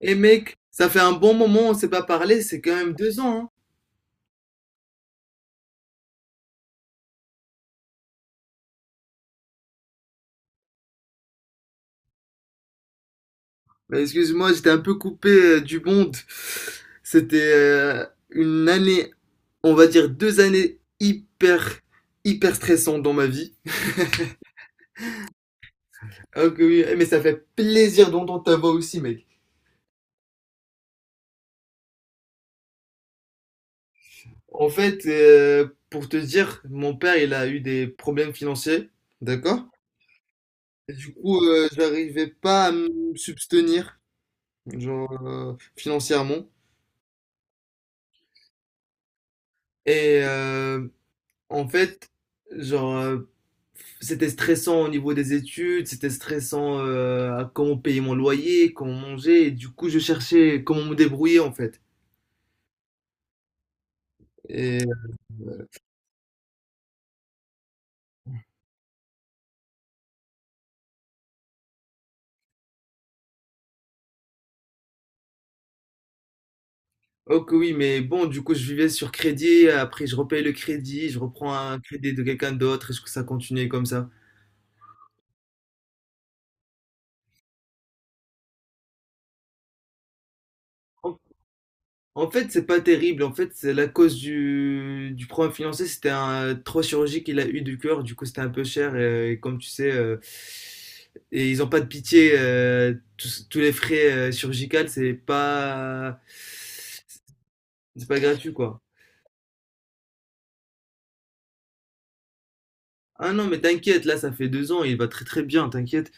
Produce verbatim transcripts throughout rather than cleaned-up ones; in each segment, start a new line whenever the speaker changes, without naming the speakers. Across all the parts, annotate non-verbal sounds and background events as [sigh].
Et mec, ça fait un bon moment, on s'est pas parlé, c'est quand même deux ans, hein. Bah, excuse-moi, j'étais un peu coupé euh, du monde. C'était euh, une année, on va dire deux années hyper, hyper stressantes dans ma vie. Ah que oui, mais ça fait plaisir d'entendre ta voix aussi, mec. En fait, euh, pour te dire, mon père, il a eu des problèmes financiers, d'accord? Et du coup, euh, j'arrivais pas à me subvenir, genre euh, financièrement. Et euh, en fait, genre, heu, c'était stressant au niveau des études, c'était stressant, heu, à comment payer mon loyer, comment manger et du coup, je cherchais comment me débrouiller, en fait. Et oh oui, mais bon, du coup, je vivais sur crédit, après je repaye le crédit, je reprends un crédit de quelqu'un d'autre et jusque ça continuait comme ça. En fait, c'est pas terrible. En fait, c'est la cause du, du problème financier. C'était un trois chirurgie qu'il a eu du cœur. Du coup, c'était un peu cher. Et, et comme tu sais, euh, et ils ont pas de pitié. euh, tous, tous les frais euh, chirurgicaux, c'est pas, c'est pas gratuit, quoi. Ah non, mais t'inquiète. Là, ça fait deux ans. Il va très très bien. T'inquiète.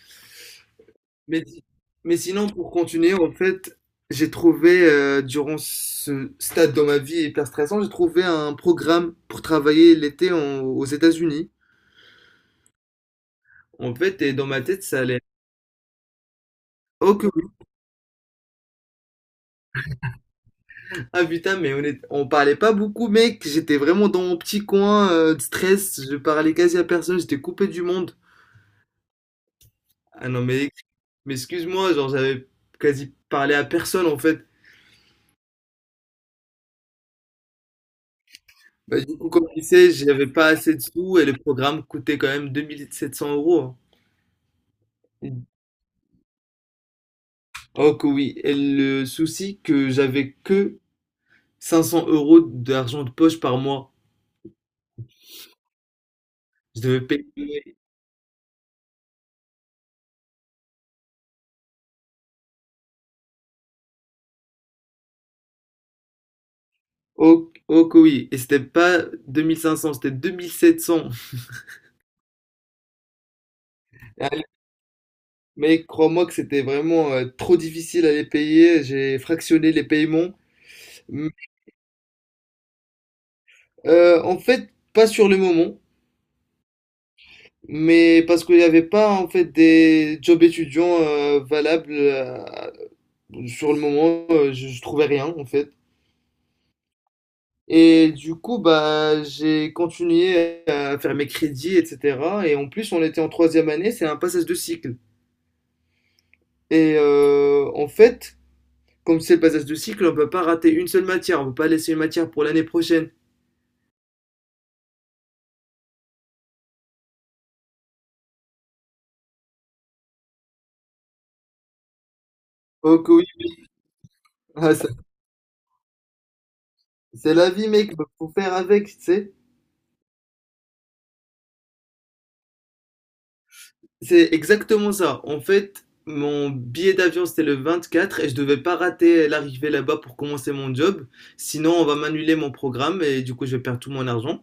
Mais si, mais sinon, pour continuer, en fait, j'ai trouvé euh, durant ce stade dans ma vie hyper stressant, j'ai trouvé un programme pour travailler l'été en- aux États-Unis. En fait, et dans ma tête, ça allait. Oh que oui. Ah putain, mais on, est- on parlait pas beaucoup, mec. J'étais vraiment dans mon petit coin euh, de stress. Je parlais quasi à personne. J'étais coupé du monde. Ah non, mais, mais excuse-moi, genre j'avais quasi parlé à personne en fait. Bah, du coup, comme tu sais, j'avais pas assez de sous et le programme coûtait quand même deux mille sept cents euros, hein. Oh que oui. Et le souci que j'avais que cinq cents euros d'argent de poche par mois. Je devais payer. Oh, oh que oui, et c'était pas deux mille cinq cents, c'était deux mille sept cents. Ah, mais crois-moi que c'était vraiment euh, trop difficile à les payer, j'ai fractionné les paiements. Mais, euh, en fait, pas sur le moment, mais parce qu'il n'y avait pas en fait des jobs étudiants euh, valables euh, sur le moment, euh, je, je trouvais rien en fait. Et du coup, bah, j'ai continué à faire mes crédits, et cetera. Et en plus, on était en troisième année, c'est un passage de cycle. Et euh, en fait, comme c'est le passage de cycle, on peut pas rater une seule matière, on peut pas laisser une matière pour l'année prochaine. Oh que oui. Ah, ça- c'est la vie mec, faut faire avec, tu sais. C'est exactement ça. En fait, mon billet d'avion c'était le vingt-quatre et je devais pas rater l'arrivée là-bas pour commencer mon job, sinon on va m'annuler mon programme et du coup je vais perdre tout mon argent.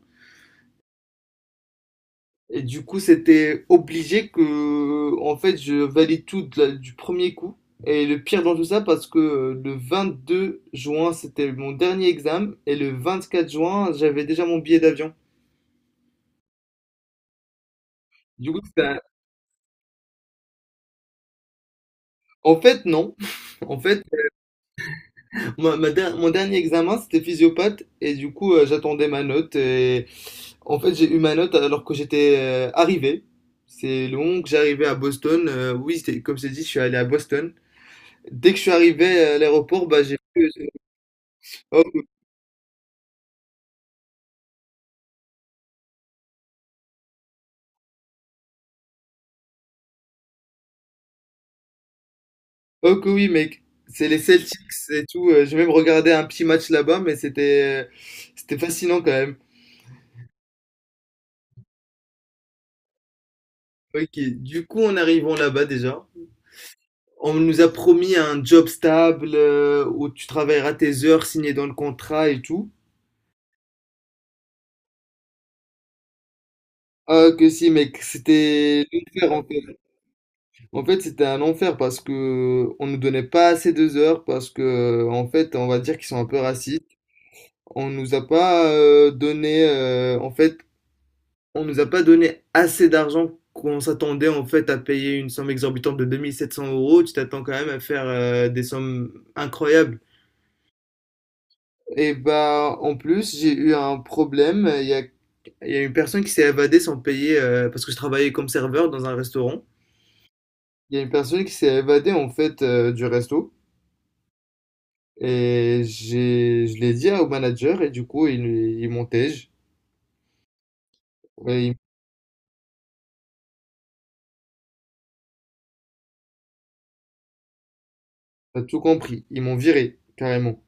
Et du coup, c'était obligé que, en fait, je valide tout de la- du premier coup. Et le pire dans tout ça, parce que euh, le deux juin, c'était mon dernier examen, et le vingt quatre juin, j'avais déjà mon billet d'avion. Du coup, c'était un- en fait, non. [laughs] En fait, ma- ma der- mon dernier examen, c'était physiopathe, et du coup, euh, j'attendais ma note, et en fait, j'ai eu ma note alors que j'étais euh, arrivé. C'est long que j'arrivais à Boston. Euh, oui, c'était- comme c'est dit, je suis allé à Boston. Dès que je suis arrivé à l'aéroport, bah, j'ai vu. euh, Oh, oh que oui, mec, c'est les Celtics et tout. euh, J'ai même regardé un petit match là-bas, mais c'était euh, c'était fascinant quand même. Ok, du coup, en arrivant là-bas déjà, on nous a promis un job stable euh, où tu travailleras tes heures signées dans le contrat et tout. Ah que si, mec, c'était l'enfer en fait. En fait, c'était un enfer parce que on nous donnait pas assez de heures parce que en fait, on va dire qu'ils sont un peu racistes. On nous a pas euh, donné, euh, en fait, on nous a pas donné assez d'argent qu'on s'attendait en fait à payer une somme exorbitante de deux mille sept cents euros. Tu t'attends quand même à faire euh, des sommes incroyables. Et bah en plus j'ai eu un problème. Il y a, il y a une personne qui s'est évadée sans payer euh, parce que je travaillais comme serveur dans un restaurant. Il y a une personne qui s'est évadée en fait euh, du resto et j'ai je l'ai dit au manager et du coup ils ils m'ont tège. Et ils m'ont tout compris. Ils m'ont viré carrément.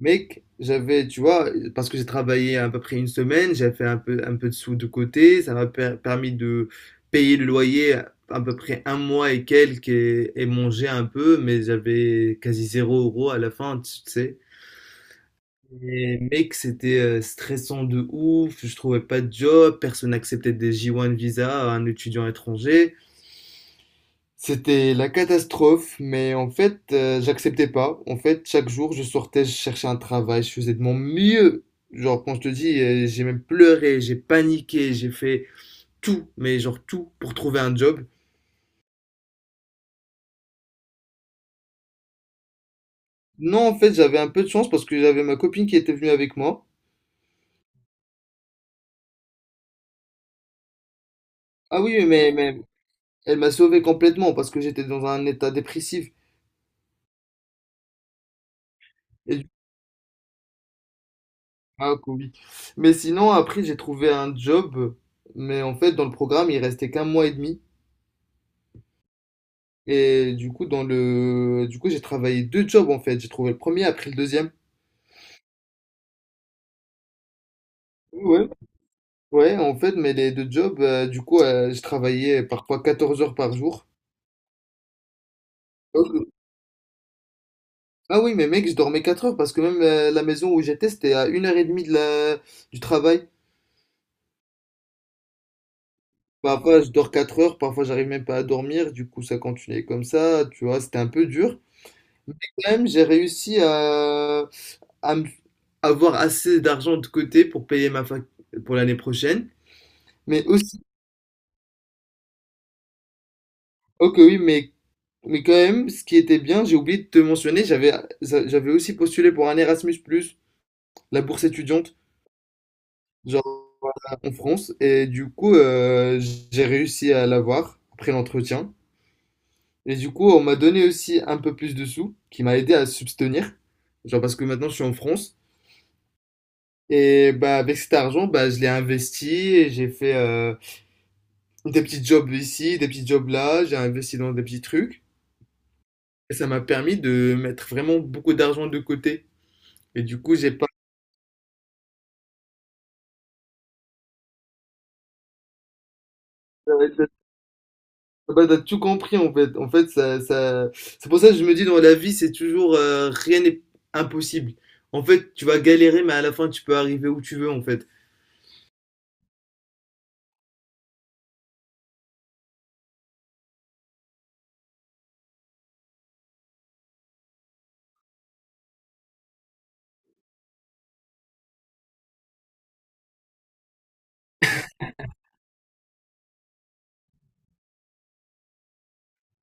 Mec, j'avais, tu vois, parce que j'ai travaillé à peu près une semaine, j'avais fait un peu, un peu de sous de côté, ça m'a per- permis de payer le loyer à peu près un mois et quelques et, et manger un peu, mais j'avais quasi zéro euro à la fin, tu sais. Et mec, c'était euh, stressant de ouf, je trouvais pas de job, personne n'acceptait des J un visa à un étudiant étranger. C'était la catastrophe, mais en fait, euh, j'acceptais pas. En fait, chaque jour, je sortais, je cherchais un travail, je faisais de mon mieux. Genre, quand je te dis, euh, j'ai même pleuré, j'ai paniqué, j'ai fait tout, mais genre tout, pour trouver un job. Non, en fait, j'avais un peu de chance parce que j'avais ma copine qui était venue avec moi. Ah oui, oui, mais, mais elle m'a sauvé complètement parce que j'étais dans un état dépressif. Et du- ah, Covid. Mais sinon, après, j'ai trouvé un job, mais en fait, dans le programme, il restait qu'un mois et demi. Et du coup, dans le... du coup, j'ai travaillé deux jobs en fait. J'ai trouvé le premier, après le deuxième. Ouais. Ouais, en fait, mais les deux jobs, euh, du coup, euh, je travaillais parfois quatorze heures par jour. Ok. Ah oui, mais mec, je dormais quatre heures parce que même euh, la maison où j'étais, c'était à une heure et demie de la... du travail. Parfois, je dors quatre heures, parfois, j'arrive même pas à dormir. Du coup, ça continuait comme ça, tu vois, c'était un peu dur. Mais quand même, j'ai réussi à, à me- avoir assez d'argent de côté pour payer ma fac pour l'année prochaine. Mais aussi, ok, oui, mais, mais quand même, ce qui était bien, j'ai oublié de te mentionner, j'avais, j'avais aussi postulé pour un Erasmus plus, la bourse étudiante, genre en France, et du coup, euh, j'ai réussi à l'avoir après l'entretien. Et du coup, on m'a donné aussi un peu plus de sous, qui m'a aidé à subvenir, genre parce que maintenant je suis en France. Et bah avec cet argent, bah je l'ai investi et j'ai fait euh, des petits jobs ici, des petits jobs là, j'ai investi dans des petits trucs. Et ça m'a permis de mettre vraiment beaucoup d'argent de côté. Et du coup, j'ai pas. Bah, t'as tout compris en fait. En fait, ça, ça... c'est pour ça que je me dis dans la vie, c'est toujours euh, rien n'est impossible. En fait, tu vas galérer, mais à la fin, tu peux arriver où tu veux en fait.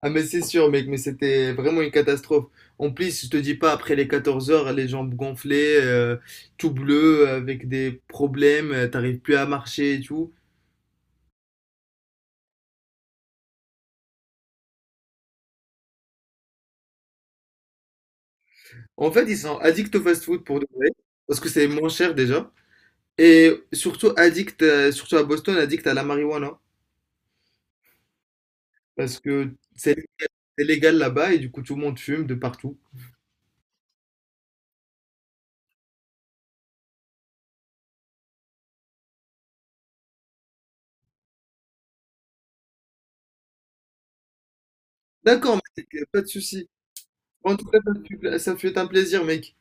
Ah, mais c'est sûr, mec, mais c'était vraiment une catastrophe. En plus, je te dis pas, après les quatorze heures, les jambes gonflées, euh, tout bleu, avec des problèmes, euh, t'arrives plus à marcher et tout. En fait, ils sont addicts au fast-food pour de vrai, parce que c'est moins cher déjà. Et surtout addict, euh, surtout à Boston, addict à la marijuana. Parce que c'est c'est légal là-bas et du coup tout le monde fume de partout. D'accord, mec, pas de souci. En tout cas, ça fut ça fut un plaisir, mec.